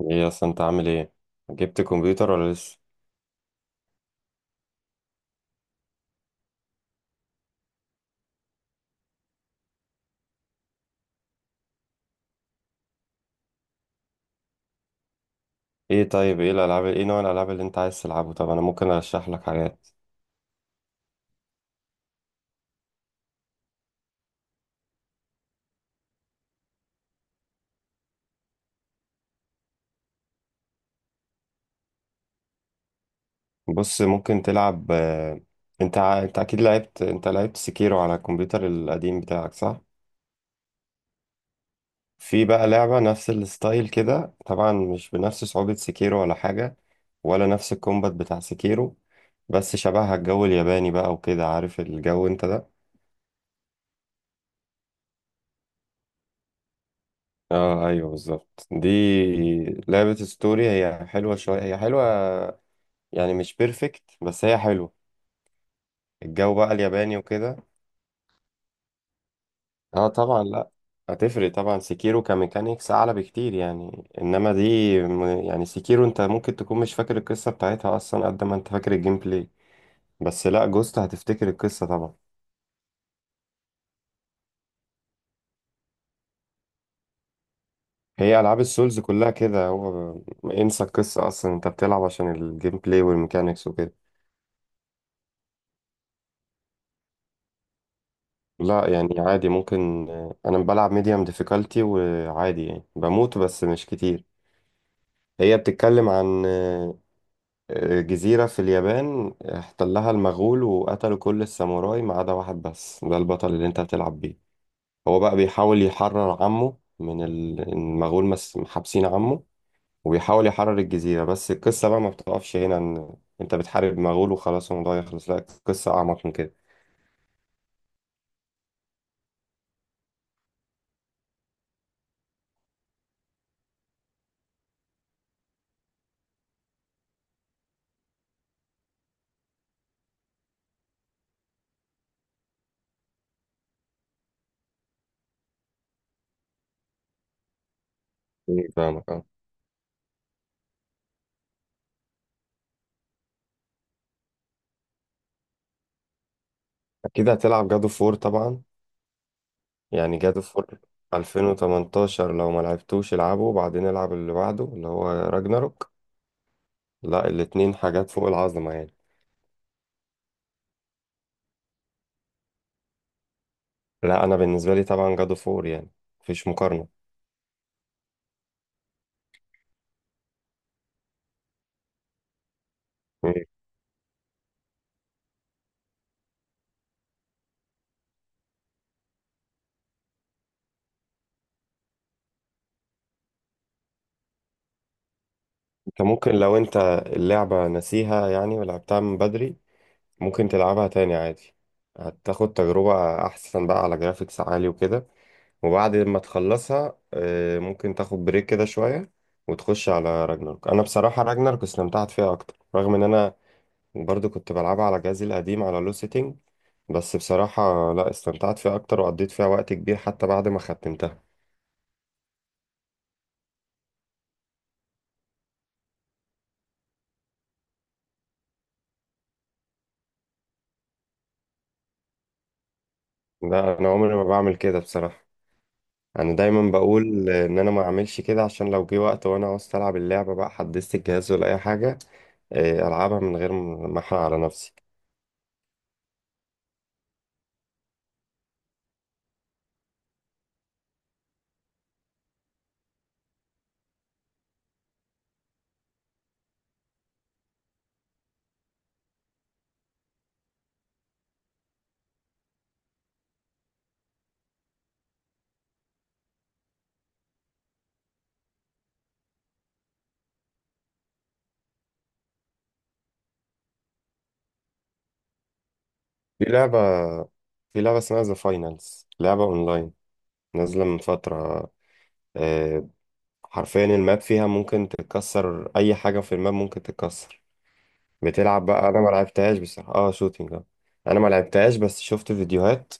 ايه اصلا انت عامل ايه؟ جبت كمبيوتر ولا لسه؟ ايه طيب، ايه الالعاب، ايه نوع الالعاب اللي انت عايز تلعبه؟ طب انا ممكن ارشح لك حاجات. بص ممكن تلعب انت اكيد لعبت، انت لعبت سكيرو على الكمبيوتر القديم بتاعك صح؟ في بقى لعبة نفس الستايل كده، طبعا مش بنفس صعوبة سكيرو ولا حاجة، ولا نفس الكومبات بتاع سكيرو، بس شبهها الجو الياباني بقى وكده، عارف الجو انت ده. اه ايوه بالظبط دي. لعبة ستوري، هي حلوة شوية، هي حلوة، يعني مش بيرفكت بس هي حلوة. الجو بقى الياباني وكده. اه طبعا، لا هتفرق طبعا. سيكيرو كميكانيكس اعلى بكتير يعني، انما دي يعني سيكيرو انت ممكن تكون مش فاكر القصة بتاعتها اصلا قد ما انت فاكر الجيم بلاي، بس لا جوست هتفتكر القصة طبعا. هي العاب السولز كلها كده، هو انسى القصة اصلا، انت بتلعب عشان الجيم بلاي والميكانيكس وكده. لا يعني عادي ممكن، انا بلعب ميديوم ديفيكالتي وعادي يعني بموت بس مش كتير. هي بتتكلم عن جزيرة في اليابان احتلها المغول وقتلوا كل الساموراي ما عدا واحد بس، ده البطل اللي انت بتلعب بيه. هو بقى بيحاول يحرر عمه من المغول، محابسين عمه، وبيحاول يحرر الجزيرة، بس القصة بقى ما بتقفش هنا ان انت بتحارب مغول وخلاص الموضوع يخلص، لا القصة أعمق من كده. فاهمك اه. أكيد هتلعب جادو فور طبعا، يعني جادو فور 2018 لو ما لعبتوش العبه وبعدين العب اللي بعده اللي هو راجناروك. لا الاتنين حاجات فوق العظمة يعني. لا انا بالنسبه لي طبعا جادو فور يعني، مفيش مقارنه. مم. انت ممكن لو انت اللعبه ناسيها يعني ولعبتها من بدري، ممكن تلعبها تاني عادي، هتاخد تجربه احسن بقى على جرافيكس عالي وكده. وبعد ما تخلصها ممكن تاخد بريك كده شويه وتخش على راجناروك. انا بصراحه راجناروك استمتعت فيها اكتر، رغم ان انا برضو كنت بلعبها على جهازي القديم على لو سيتنج، بس بصراحه لا استمتعت فيها اكتر وقضيت فيها وقت كبير حتى بعد ما ختمتها. لا انا عمري ما بعمل كده بصراحه، انا دايما بقول ان انا ما اعملش كده عشان لو جه وقت وانا عاوز العب اللعبه بقى حدثت الجهاز ولا اي حاجه، العبها من غير ما احرق على نفسي. في لعبه، في لعبه اسمها ذا فاينلز، لعبه اونلاين نازله من فتره. آه، حرفيا الماب فيها ممكن تتكسر، اي حاجه في الماب ممكن تتكسر. بتلعب بقى، انا ما لعبتهاش بصراحه، اه شوتينج اه، انا ما لعبتهاش بس شفت فيديوهات.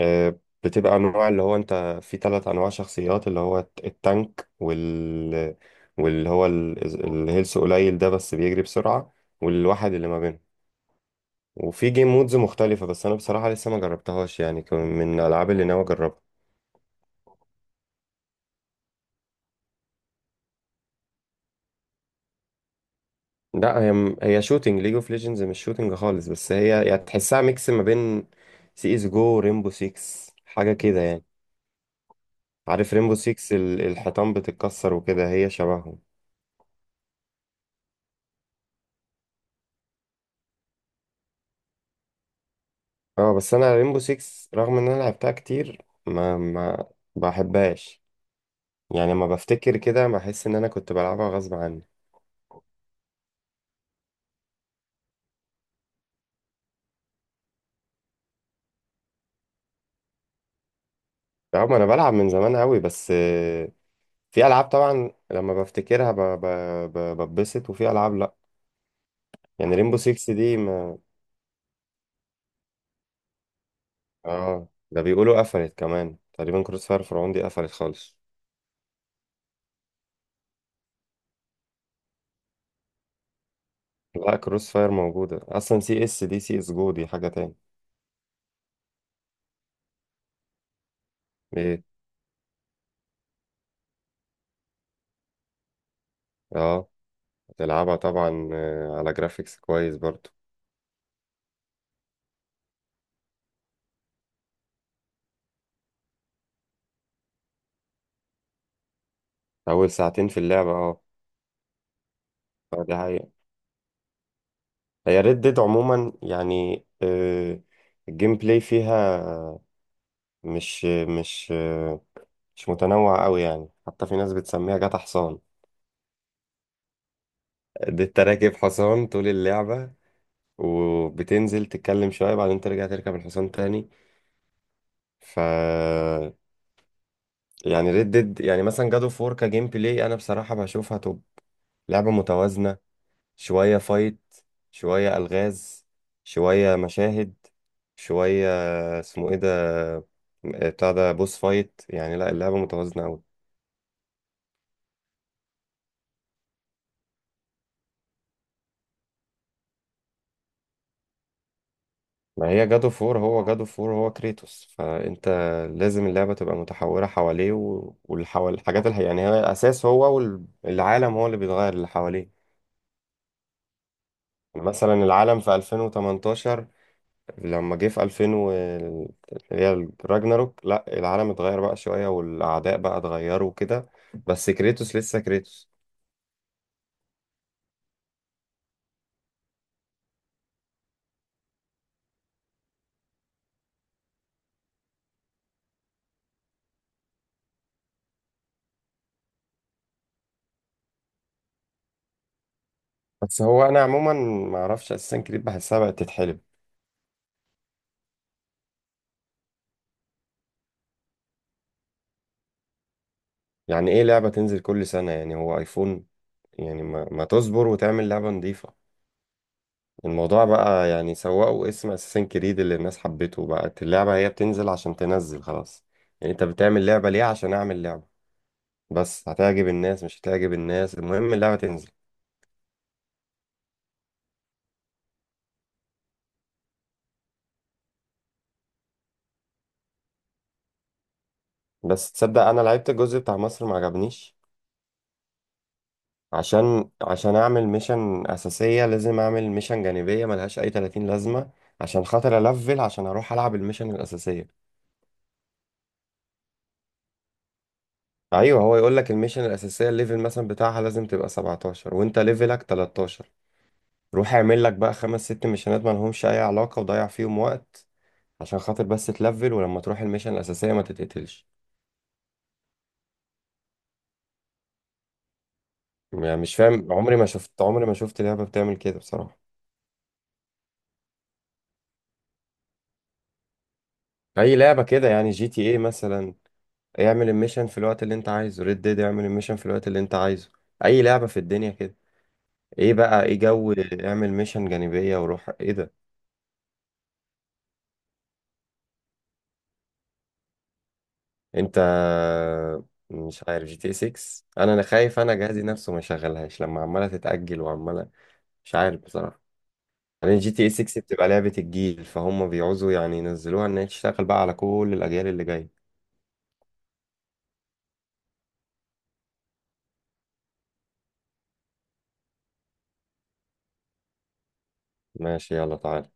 آه، بتبقى انواع، اللي هو انت في ثلاث انواع شخصيات، اللي هو التانك، وال، واللي هو الهيلث قليل ده بس بيجري بسرعة، والواحد اللي ما بينهم، وفي جيم مودز مختلفة، بس انا بصراحة لسه ما جربتهاش يعني، كان من الالعاب اللي ناوي اجربها. لا هي هي شوتينج، ليج اوف ليجندز مش شوتينج خالص، بس هي يعني تحسها ميكس ما بين سي اس جو، ريمبو 6، حاجة كده يعني. عارف ريمبو 6 الحيطان بتتكسر وكده، هي شبههم. اه بس انا ريمبو 6 رغم ان انا لعبتها كتير ما بحبهاش، يعني لما بفتكر كده بحس ان انا كنت بلعبها غصب عني. رغم انا بلعب من زمان قوي بس في العاب طبعا لما بفتكرها ببسط، وفي العاب لا، يعني ريمبو 6 دي ما. اه ده بيقولوا قفلت كمان تقريبا، كروس فاير فرعون دي قفلت خالص. لا كروس فاير موجودة اصلا، سي اس، دي سي اس جو دي حاجة تاني. ايه؟ اه تلعبها طبعا، على جرافيكس كويس برضو. اول ساعتين في اللعبة اه. دي حقيقة، هي ريد ديد عموما يعني، الجيم بلاي فيها مش مش متنوع قوي، يعني حتى في ناس بتسميها جاتا حصان. دي انت راكب حصان طول اللعبة، وبتنزل تتكلم شوية بعدين ترجع تركب الحصان تاني. ف، يعني ريد ديد، يعني مثلا جادو فور كجيم بلاي انا بصراحة بشوفها توب، لعبة متوازنة، شوية فايت، شوية ألغاز، شوية مشاهد، شوية اسمه ايه ده، بتاع ده بوس فايت، يعني لا اللعبة متوازنة أوي. ما هي جادو فور، هو جادو فور هو كريتوس، فأنت لازم اللعبة تبقى متحورة حواليه والحوال، الحاجات اللي يعني هي أساس هو، والعالم هو اللي بيتغير اللي حواليه. يعني مثلا العالم في 2018 لما جه في 2000 و اللي هي راجناروك، لا العالم اتغير بقى شوية والأعداء بقى اتغيروا وكده، بس كريتوس لسه كريتوس. بس هو أنا عموما ما أعرفش أساسا كريت بحسها بقت تتحلب. يعني إيه لعبة تنزل كل سنة، يعني هو أيفون؟ يعني ما تصبر وتعمل لعبة نظيفة؟ الموضوع بقى يعني سوقوا اسم أساسا كريد اللي الناس حبته، بقت اللعبة هي بتنزل عشان تنزل خلاص. يعني أنت بتعمل لعبة ليه؟ عشان أعمل لعبة، بس هتعجب الناس مش هتعجب الناس، المهم اللعبة تنزل. بس تصدق انا لعبت الجزء بتاع مصر ما عجبنيش. عشان، عشان اعمل ميشن اساسيه لازم اعمل ميشن جانبيه ملهاش اي 30 لازمه عشان خاطر الفل، عشان اروح العب الميشن الاساسيه. ايوه، هو يقول لك الميشن الاساسيه الليفل مثلا بتاعها لازم تبقى 17 وانت ليفلك 13، روح اعمل لك بقى خمس ست ميشنات ما لهمش اي علاقه وضيع فيهم وقت عشان خاطر بس تلفل، ولما تروح الميشن الاساسيه ما تتقتلش. يعني مش فاهم، عمري ما شفت، عمري ما شفت لعبه بتعمل كده بصراحه. اي لعبه كده، يعني جي تي ايه مثلا، اعمل الميشن في الوقت اللي انت عايزه. ريد ديد، اعمل الميشن في الوقت اللي انت عايزه. اي لعبة في الدنيا كده. ايه بقى ايه جو؟ اعمل ميشن جانبية وروح ايه ده؟ انت، مش عارف جي تي 6، انا، انا خايف انا جهازي نفسه ما يشغلهاش لما عمالة تتأجل وعمالة، مش عارف بصراحة. بعدين جي تي 6 بتبقى لعبة الجيل فهم بيعوزوا يعني ينزلوها ان هي تشتغل بقى على كل الاجيال اللي جاية. ماشي يلا تعالى.